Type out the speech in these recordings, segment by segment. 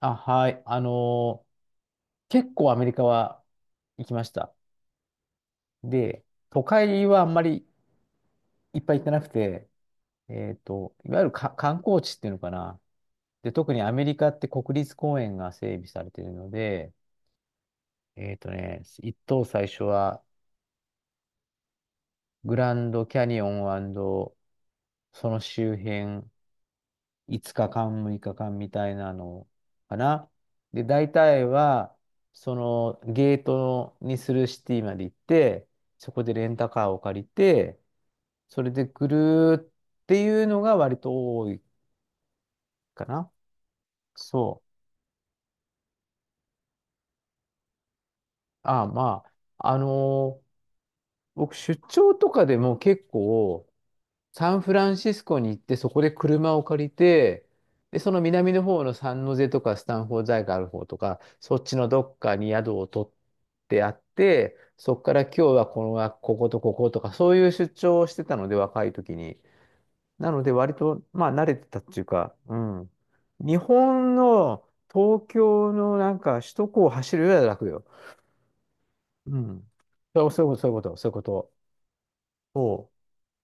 あ、はい。結構アメリカは行きました。で、都会はあんまりいっぱい行ってなくて、いわゆるか観光地っていうのかな。で、特にアメリカって国立公園が整備されているので、一等最初はグランドキャニオンその周辺5日間、6日間みたいなのかな。で、大体は、そのゲートにするシティまで行って、そこでレンタカーを借りて、それでぐるーっていうのが割と多いかな。そう。ああ、まあ、僕出張とかでも結構、サンフランシスコに行って、そこで車を借りて、で、その南の方のサンノゼとかスタンフォード大学ある方とか、そっちのどっかに宿を取ってあって、そこから今日はこの学こことこことか、そういう出張をしてたので、若い時に。なので、割と、まあ、慣れてたっていうか、うん。日本の東京のなんか首都高を走るよりは楽よ。うん。そうそういうこと、そういうこと、そういうこと。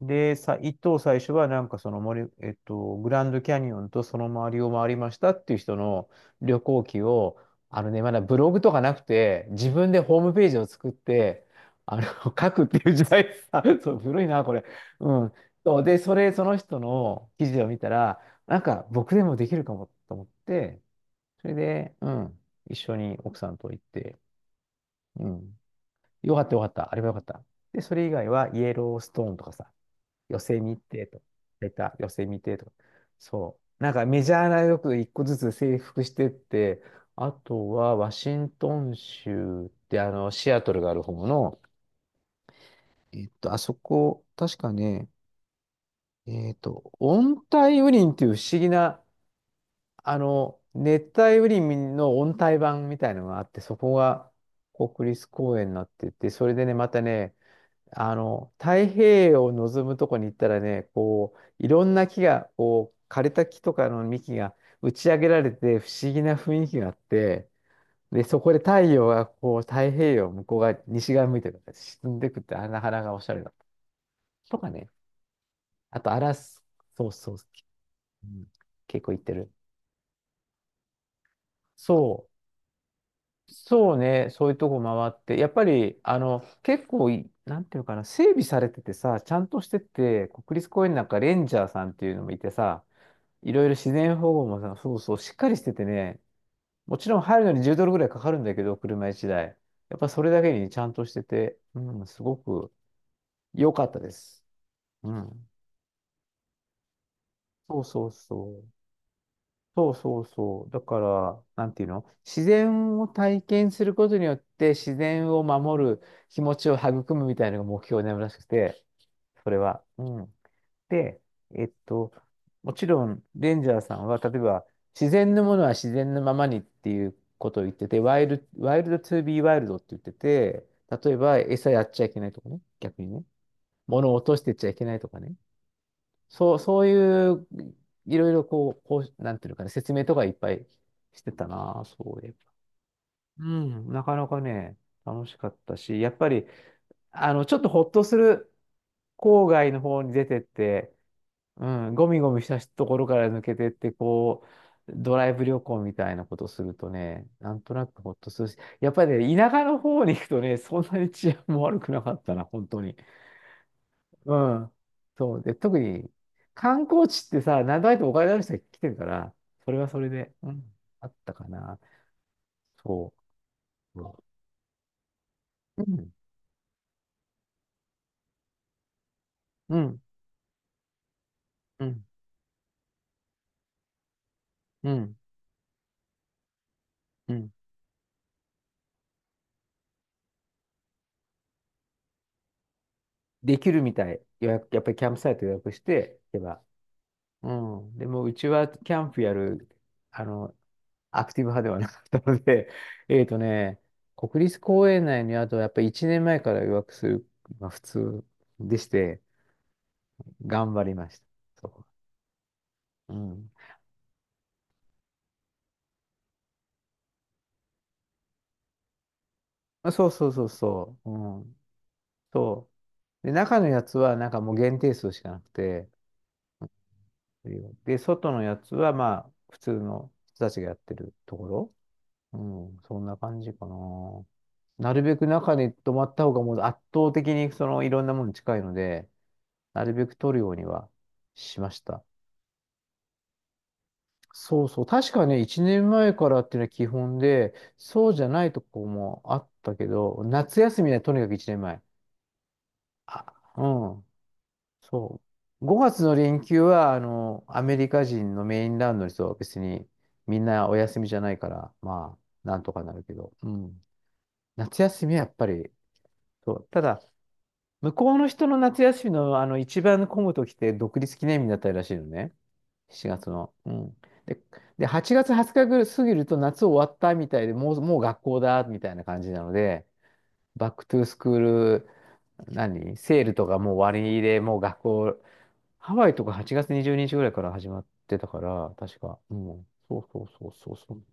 で、さ、一等最初はなんかその森、えっと、グランドキャニオンとその周りを回りましたっていう人の旅行記を、あのね、まだブログとかなくて、自分でホームページを作って、書くっていう時代、あ、そう、古いな、これ。うん。そうで、それ、その人の記事を見たら、なんか僕でもできるかもと思って、それで、うん、一緒に奥さんと行って、うん。よかったよかった。あれはよかった。で、それ以外はイエローストーンとかさ、寄せみてと。出た、寄せみてとか。そう。なんかメジャーなよく一個ずつ征服してって、あとはワシントン州ってシアトルがある方の、あそこ、確かね、温帯雨林っていう不思議な、熱帯雨林の温帯版みたいのがあって、そこが国立公園になってて、それでね、またね、太平洋を望むとこに行ったらね、こう、いろんな木が、こう、枯れた木とかの幹が打ち上げられて不思議な雰囲気があって、で、そこで太陽がこう、太平洋向こう側、西側向いてるから沈んでくって、あなかなかおしゃれだった。とかね。あと、アラス、そうそう、うん、結構行ってる。そう。そうね、そういうとこ回って、やっぱり、結構い、なんていうのかな、整備されててさ、ちゃんとしてて、国立公園なんかレンジャーさんっていうのもいてさ、いろいろ自然保護もさ、そうそう、しっかりしててね、もちろん入るのに10ドルぐらいかかるんだけど、車1台。やっぱそれだけにちゃんとしてて、うん、すごく良かったです。うん。そうそうそう。そうそうそう。だから、なんていうの自然を体験することによって自然を守る気持ちを育むみたいなのが目標になるらしくて、それは。うん。で、えっと、もちろん、レンジャーさんは、例えば、自然のものは自然のままにっていうことを言ってて、ワイルドトゥービーワイルドって言ってて、例えば、餌やっちゃいけないとかね、逆にね、物を落としてっちゃいけないとかね。そう、そういう、いろいろこう、なんていうのかな、説明とかいっぱいしてたな、そういえば。うん、なかなかね、楽しかったし、やっぱり、ちょっとほっとする郊外の方に出てって、うん、ゴミゴミしたところから抜けてって、こう、ドライブ旅行みたいなことするとね、なんとなくほっとするし、やっぱりね、田舎の方に行くとね、そんなに治安も悪くなかったな、本当に。うん。そう。で、特に観光地ってさ、何度あっもお金のある人が来てるから、それはそれで、うん、あったかな。そう。うん。うん。うん。うん。うんできるみたい。予約、やっぱりキャンプサイト予約して行けば。うん。でも、うちはキャンプやる、あの、アクティブ派ではなかったので、えっとね、国立公園内にあと、やっぱり1年前から予約する、まあ、普通でして、頑張りました。そう。うん。あそうそうそうそう。うん。そう。で、中のやつはなんかもう限定数しかなくて、で、外のやつはまあ、普通の人たちがやってるところ。うん、そんな感じかな。なるべく中に泊まった方がもう圧倒的にそのいろんなものに近いので、なるべく取るようにはしました。そうそう。確かね、1年前からっていうのは基本で、そうじゃないとこもあったけど、夏休みはとにかく1年前。あ、うん。そう。5月の連休は、アメリカ人のメインランドの人は別にみんなお休みじゃないから、まあ、なんとかなるけど、うん。夏休みはやっぱり、そう。ただ、向こうの人の夏休みの、一番混む時って独立記念日だったりらしいのね。7月の。うん。で、で8月20日ぐらい過ぎると夏終わったみたいで、もう、もう学校だ、みたいな感じなので、バックトゥースクール、何セールとかもう終わりで、もう学校ハワイとか8月20日ぐらいから始まってたから、確か。うん。そうそうそうそうそう。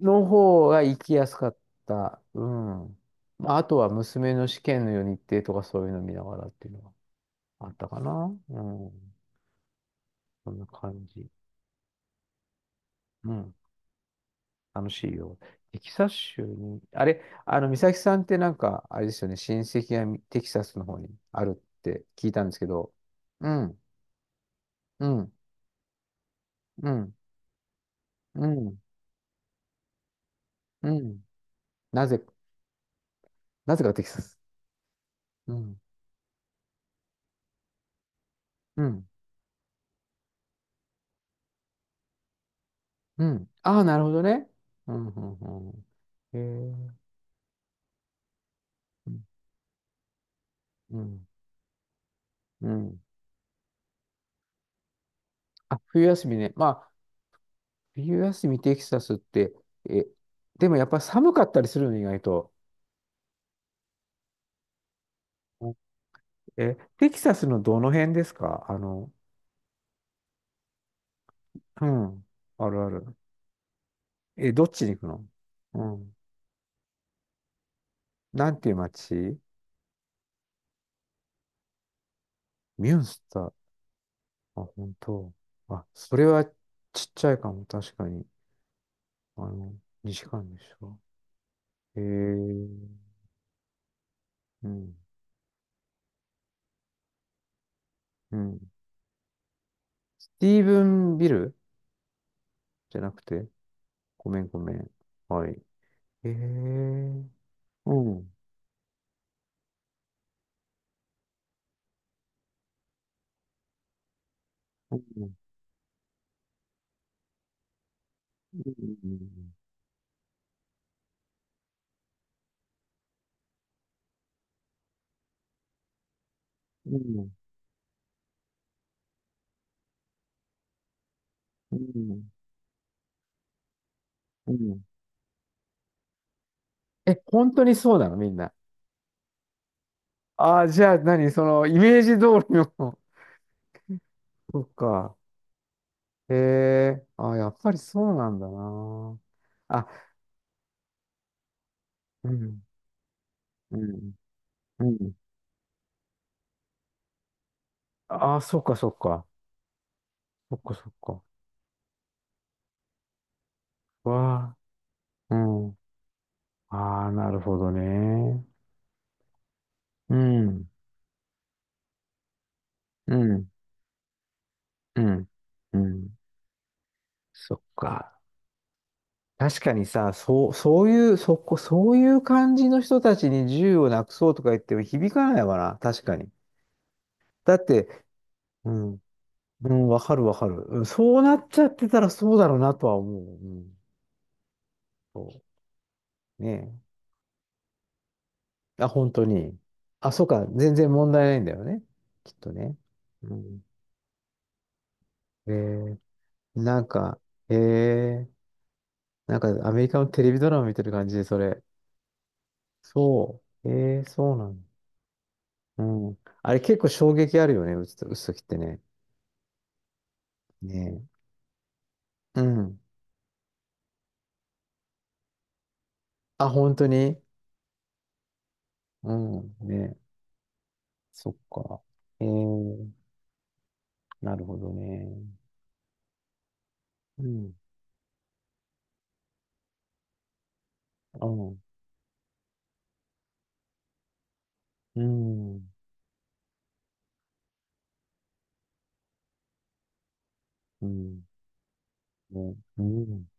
の方が行きやすかった。うん。まあ、あとは娘の試験の日程とかそういうの見ながらっていうのがあったかな。うん。そんな感じ。うん。楽しいよ。テキサス州に、あれ、あの、美咲さんってなんか、あれですよね、親戚がテキサスの方にあるって聞いたんですけど、うん、うん、うん、うん、うん。なぜ、なぜかテキサス。うん。うん。うん。ああ、なるほどね。うん、うん、うん。へえ。うん。うん。あ、冬休みね。まあ、冬休みテキサスって、え、でもやっぱ寒かったりするの、意外と。うんえ、テキサスのどの辺ですかうん。あるある。え、どっちに行くのうん。なんていう街ミュンスター。あ、本当。あ、それはちっちゃいかも、確かに。あの、西館でしょ。へえ。うん。うん。スティーブン・ビルじゃなくて、ごめんごめん。はい。ええー。うん。うん。うん。うん。うん。うんうんえ、本当にそうなのみんな。ああ、じゃあ何その、イメージ通りの そっか。ええー。ああ、やっぱりそうなんだな。あ、うん。うん。うん。ああ、そっかそっか。そっかそっか。わあ。うん。ああ、なるほどね。うん。うん。うん。うん。そっか。確かにさ、そう、そういう、そこ、そういう感じの人たちに銃をなくそうとか言っても響かないわな。確かに。だって、うん。うん、わかるわかる。うんそうなっちゃってたらそうだろうなとは思う。うん。そう。ねえ。あ、本当に。あ、そうか。全然問題ないんだよね。きっとね。うん。えー、なんか、えー、なんかアメリカのテレビドラマ見てる感じで、それ。そう。えー、そうなんだ。うん。あれ結構衝撃あるよね、打つと、打つときってね。ねえ。うん。あ、本当にうん。ねそっか。えー、なるほどね。うん。うん。うん。うん。ねうん